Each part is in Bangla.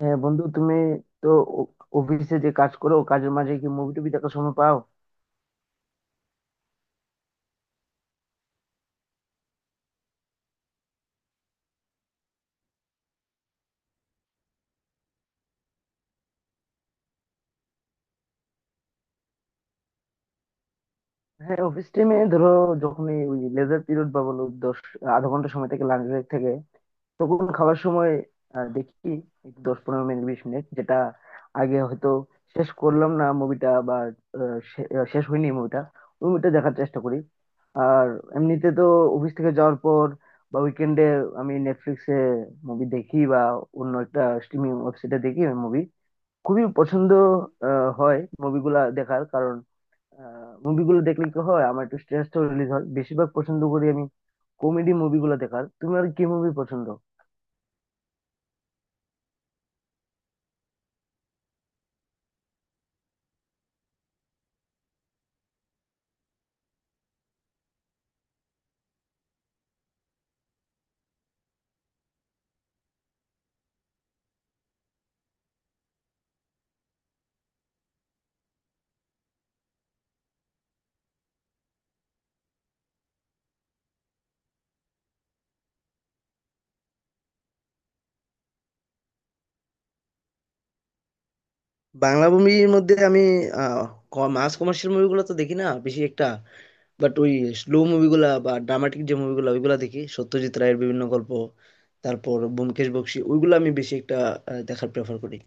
হ্যাঁ বন্ধু, তুমি তো অফিসে যে কাজ করো, কাজের মাঝে কি মুভি টুবি দেখার সময় পাও? হ্যাঁ, অফিস টাইমে ধরো যখন এই ওই লেজার পিরিয়ড বা বলো দশ আধা ঘন্টা সময় থেকে লাঞ্চ ব্রেক থেকে, তখন খাওয়ার সময় দেখি এই 10 15 মিনিট 20 মিনিট যেটা আগে হয়তো শেষ করলাম না মুভিটা বা শেষ হয়নি মুভিটা, ওই মুভিটা দেখার চেষ্টা করি। আর এমনিতে তো অফিস থেকে যাওয়ার পর বা উইকেন্ডে আমি নেটফ্লিক্সে মুভি দেখি বা অন্য একটা স্ট্রিমিং ওয়েবসাইটে দেখি, মুভি খুবই পছন্দ হয় মুভিগুলা দেখার কারণ। মুভিগুলো দেখলে কি হয়, আমার একটু স্ট্রেসটা রিলিজ হয়। বেশিরভাগ পছন্দ করি আমি কমেডি মুভিগুলো দেখার। তুমি আর কি মুভি পছন্দ? বাংলা মুভির মধ্যে আমি আহ, মাস কমার্শিয়াল মুভিগুলো তো দেখি না বেশি একটা, বাট ওই স্লো মুভিগুলা বা ড্রামাটিক যে মুভিগুলো ওইগুলা দেখি। সত্যজিৎ রায়ের বিভিন্ন গল্প, তারপর ব্যোমকেশ বক্সী, ওইগুলো আমি বেশি একটা দেখার প্রেফার করি।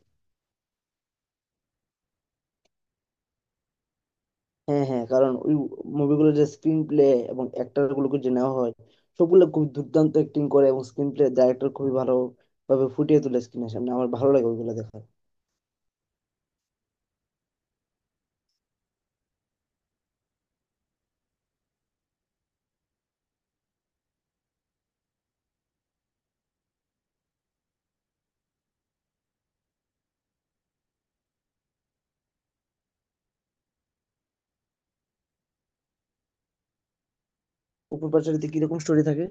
হ্যাঁ, হ্যাঁ, কারণ ওই মুভিগুলোর যে স্ক্রিন প্লে এবং অ্যাক্টর গুলোকে যে নেওয়া হয়, সবগুলো খুব দুর্দান্ত অ্যাক্টিং করে এবং স্ক্রিন প্লে ডাইরেক্টর খুবই ভালো ভাবে ফুটিয়ে তোলে স্ক্রিনের সামনে, আমার ভালো লাগে ওইগুলো দেখা। উপর পার্শ্ববর্তীতে কিরকম স্টোরি থাকে?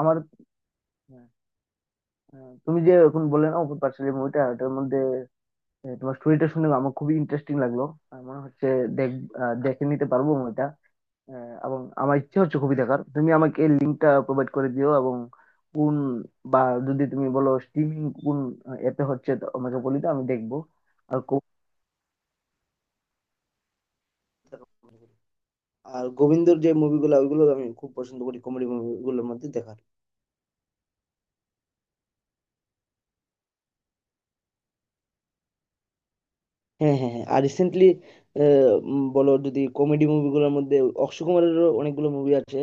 আমার তুমি যে এখন বললে না অপুর পাঁচালী মুভিটা, ওটার মধ্যে তোমার স্টোরিটা শুনে আমার খুবই ইন্টারেস্টিং লাগলো। আমার মনে হচ্ছে দেখ দেখে নিতে পারবো মুভিটা আহ, এবং আমার ইচ্ছা হচ্ছে খুবই দেখার। তুমি আমাকে লিঙ্কটা প্রোভাইড করে দিও এবং কোন বা যদি তুমি বলো স্ট্রিমিং কোন অ্যাপে হচ্ছে তো আমাকে বলে দাও, আমি দেখবো। আর কো- আর গোবিন্দর যে মুভিগুলো ওইগুলো আমি খুব পছন্দ করি কমেডি মুভিগুলোর মধ্যে দেখা। হ্যাঁ, হ্যাঁ, হ্যাঁ। আর রিসেন্টলি বলো যদি কমেডি মুভিগুলোর মধ্যে, অক্ষয় কুমারেরও অনেকগুলো মুভি আছে,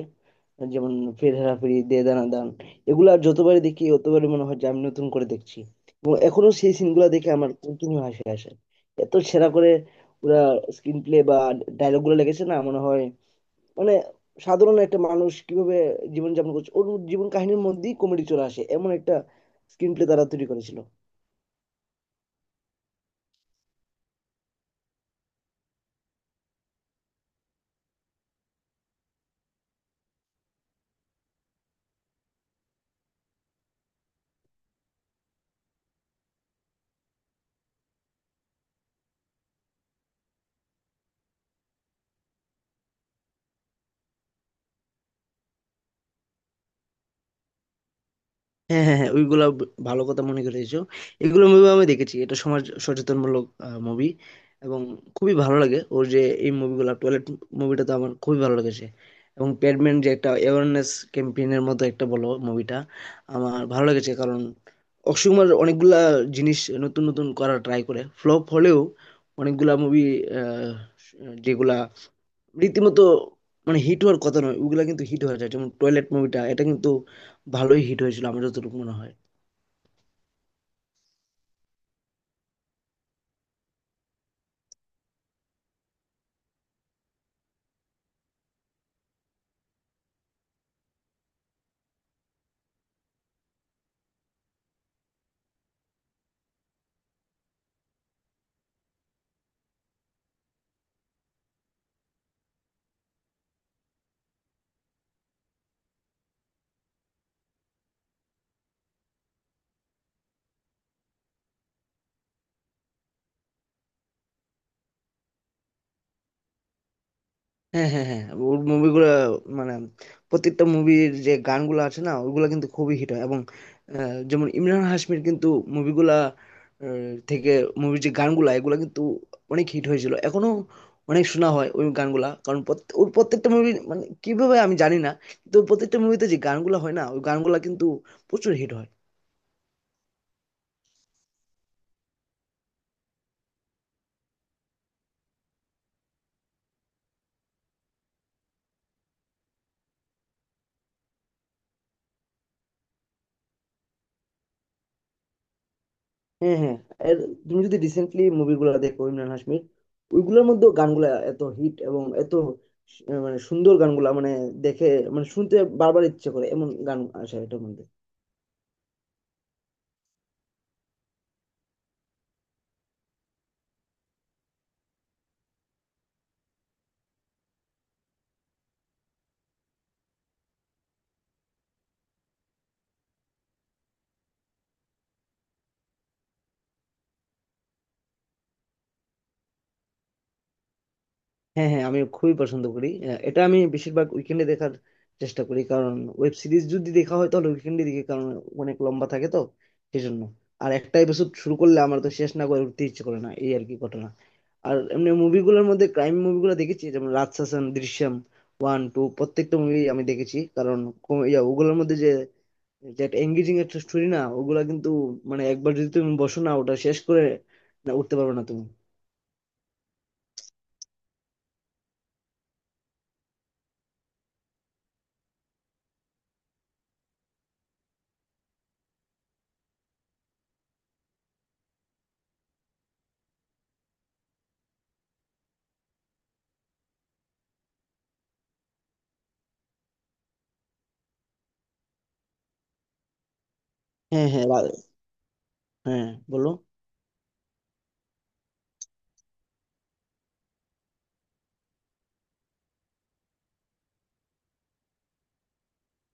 যেমন ফির হেরা ফেরি, দে দানা দান। এগুলো আর যতবারই দেখি ততবারই মনে হয় যে আমি নতুন করে দেখছি, এবং এখনো সেই সিনগুলো দেখে আমার কন্টিনিউ হাসি আসে। এত সেরা করে ওরা স্ক্রিন প্লে বা ডায়লগুলো লেগেছে না মনে হয়। মানে সাধারণ একটা মানুষ কিভাবে জীবনযাপন করছে, ওর জীবন কাহিনীর মধ্যেই কমেডি চলে আসে, এমন একটা স্ক্রিন প্লে তারা তৈরি করেছিল। হ্যাঁ, হ্যাঁ, হ্যাঁ। ওইগুলা ভালো কথা মনে করেছো। এগুলো মুভি আমি দেখেছি, এটা সমাজ সচেতনমূলক মুভি এবং খুবই ভালো লাগে ওর যে এই মুভিগুলো। টয়লেট মুভিটা তো আমার খুবই ভালো লেগেছে এবং প্যাডম্যান যে একটা অ্যাওয়ারনেস ক্যাম্পেইনের মতো একটা, বলো মুভিটা আমার ভালো লেগেছে। কারণ অক্ষয় কুমার অনেকগুলা জিনিস নতুন নতুন করার ট্রাই করে, ফ্লপ হলেও অনেকগুলা মুভি যেগুলা রীতিমতো মানে হিট হওয়ার কথা নয় ওগুলা কিন্তু হিট হয়ে যায়, যেমন টয়লেট মুভিটা, এটা কিন্তু ভালোই হিট হয়েছিল আমার যতটুকু মনে হয়। হ্যাঁ, হ্যাঁ, হ্যাঁ। ওর মুভিগুলো মানে প্রত্যেকটা মুভির যে গানগুলো আছে না, ওগুলো কিন্তু খুবই হিট হয় এবং যেমন ইমরান হাশমির কিন্তু মুভিগুলা থেকে মুভির যে গানগুলা, এগুলা কিন্তু অনেক হিট হয়েছিল, এখনো অনেক শোনা হয় ওই গানগুলা। কারণ ওর প্রত্যেকটা মুভি মানে কিভাবে আমি জানি না, কিন্তু ওর প্রত্যেকটা মুভিতে যে গানগুলা হয় না ওই গানগুলা কিন্তু প্রচুর হিট হয়। হ্যাঁ, হ্যাঁ। এর তুমি যদি রিসেন্টলি মুভিগুলো দেখো ইমরান হাশমির, ওইগুলোর মধ্যেও গানগুলা এত হিট এবং এত মানে সুন্দর গানগুলা, মানে দেখে মানে শুনতে বারবার ইচ্ছে করে এমন গান আসে এটার মধ্যে। হ্যাঁ, হ্যাঁ, আমি খুবই পছন্দ করি। এটা আমি বেশিরভাগ উইকেন্ডে দেখার চেষ্টা করি, কারণ ওয়েব সিরিজ যদি দেখা হয় তাহলে উইকেন্ডে দেখি কারণ অনেক লম্বা থাকে তো সেজন্য। আর একটা এপিসোড শুরু করলে আমার তো শেষ না করে উঠতে ইচ্ছে করে না, এই আর কি ঘটনা। আর এমনি মুভিগুলোর মধ্যে ক্রাইম মুভিগুলো দেখেছি, যেমন রাজশাসন, দৃশ্যম ওয়ান টু, প্রত্যেকটা মুভি আমি দেখেছি। কারণ ওগুলোর মধ্যে যে যে একটা এঙ্গেজিং একটা স্টোরি না ওগুলা, কিন্তু মানে একবার যদি তুমি বসো না ওটা শেষ করে না উঠতে পারবে না তুমি। হ্যাঁ, হ্যাঁ, হ্যাঁ, বলো।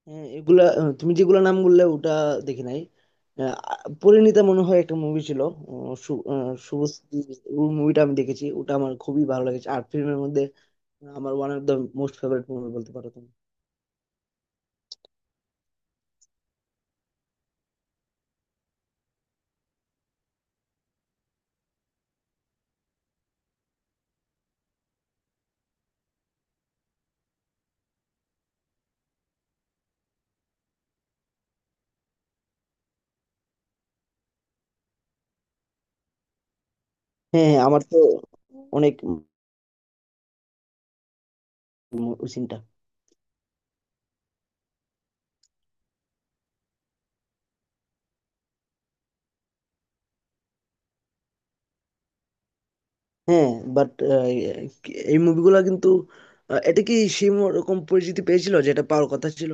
হ্যাঁ, এগুলা তুমি যেগুলা নাম বললে ওটা দেখি নাই। আহ, পরিণীতা মনে হয় একটা মুভি ছিল, শুভশ্রী। ওই মুভিটা আমি দেখেছি, ওটা আমার খুবই ভালো লেগেছে। আর ফিল্মের মধ্যে আমার one of the most favourite movie বলতে পারো তুমি। হ্যাঁ হ্যাঁ, আমার তো অনেক সিনটা। হ্যাঁ, বাট এই মুভিগুলা কিন্তু এটা কি সেই রকম পরিচিতি পেয়েছিল যেটা পাওয়ার কথা ছিল?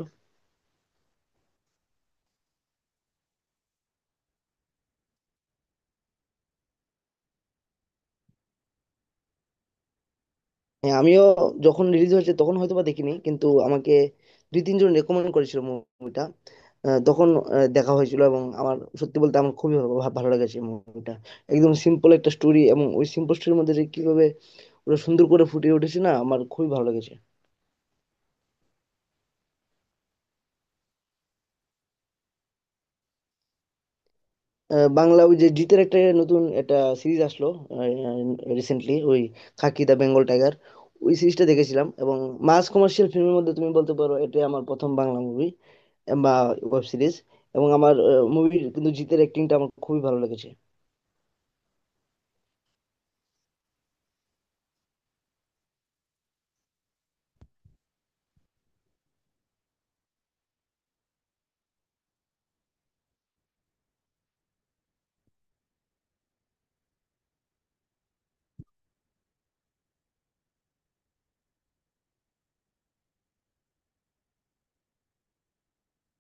হ্যাঁ, আমিও যখন রিলিজ হয়েছে তখন হয়তো বা দেখিনি, কিন্তু আমাকে দুই তিনজন রেকমেন্ড করেছিল মুভিটা, তখন দেখা হয়েছিল এবং আমার, সত্যি বলতে, আমার খুবই ভালো লেগেছে মুভিটা। একদম সিম্পল একটা স্টোরি এবং ওই সিম্পল স্টোরির মধ্যে যে কিভাবে ওরা সুন্দর করে ফুটিয়ে উঠেছে না, আমার খুবই ভালো লেগেছে। বাংলা ওই যে জিতের একটা নতুন একটা সিরিজ আসলো রিসেন্টলি, ওই খাকি দা বেঙ্গল টাইগার, ওই সিরিজটা দেখেছিলাম এবং মাস কমার্শিয়াল ফিল্মের মধ্যে তুমি বলতে পারো এটাই আমার প্রথম বাংলা মুভি বা ওয়েব সিরিজ। এবং আমার মুভির কিন্তু জিতের অ্যাক্টিংটা আমার খুবই ভালো লেগেছে।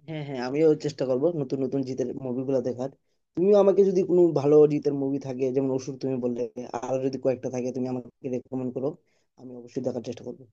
হ্যাঁ হ্যাঁ, আমিও চেষ্টা করব নতুন নতুন জিতের মুভিগুলো দেখার। তুমিও আমাকে যদি কোনো ভালো জিতের মুভি থাকে যেমন অসুর তুমি বললে, আরো যদি কয়েকটা থাকে তুমি আমাকে রেকমেন্ড করো, আমি অবশ্যই দেখার চেষ্টা করবো।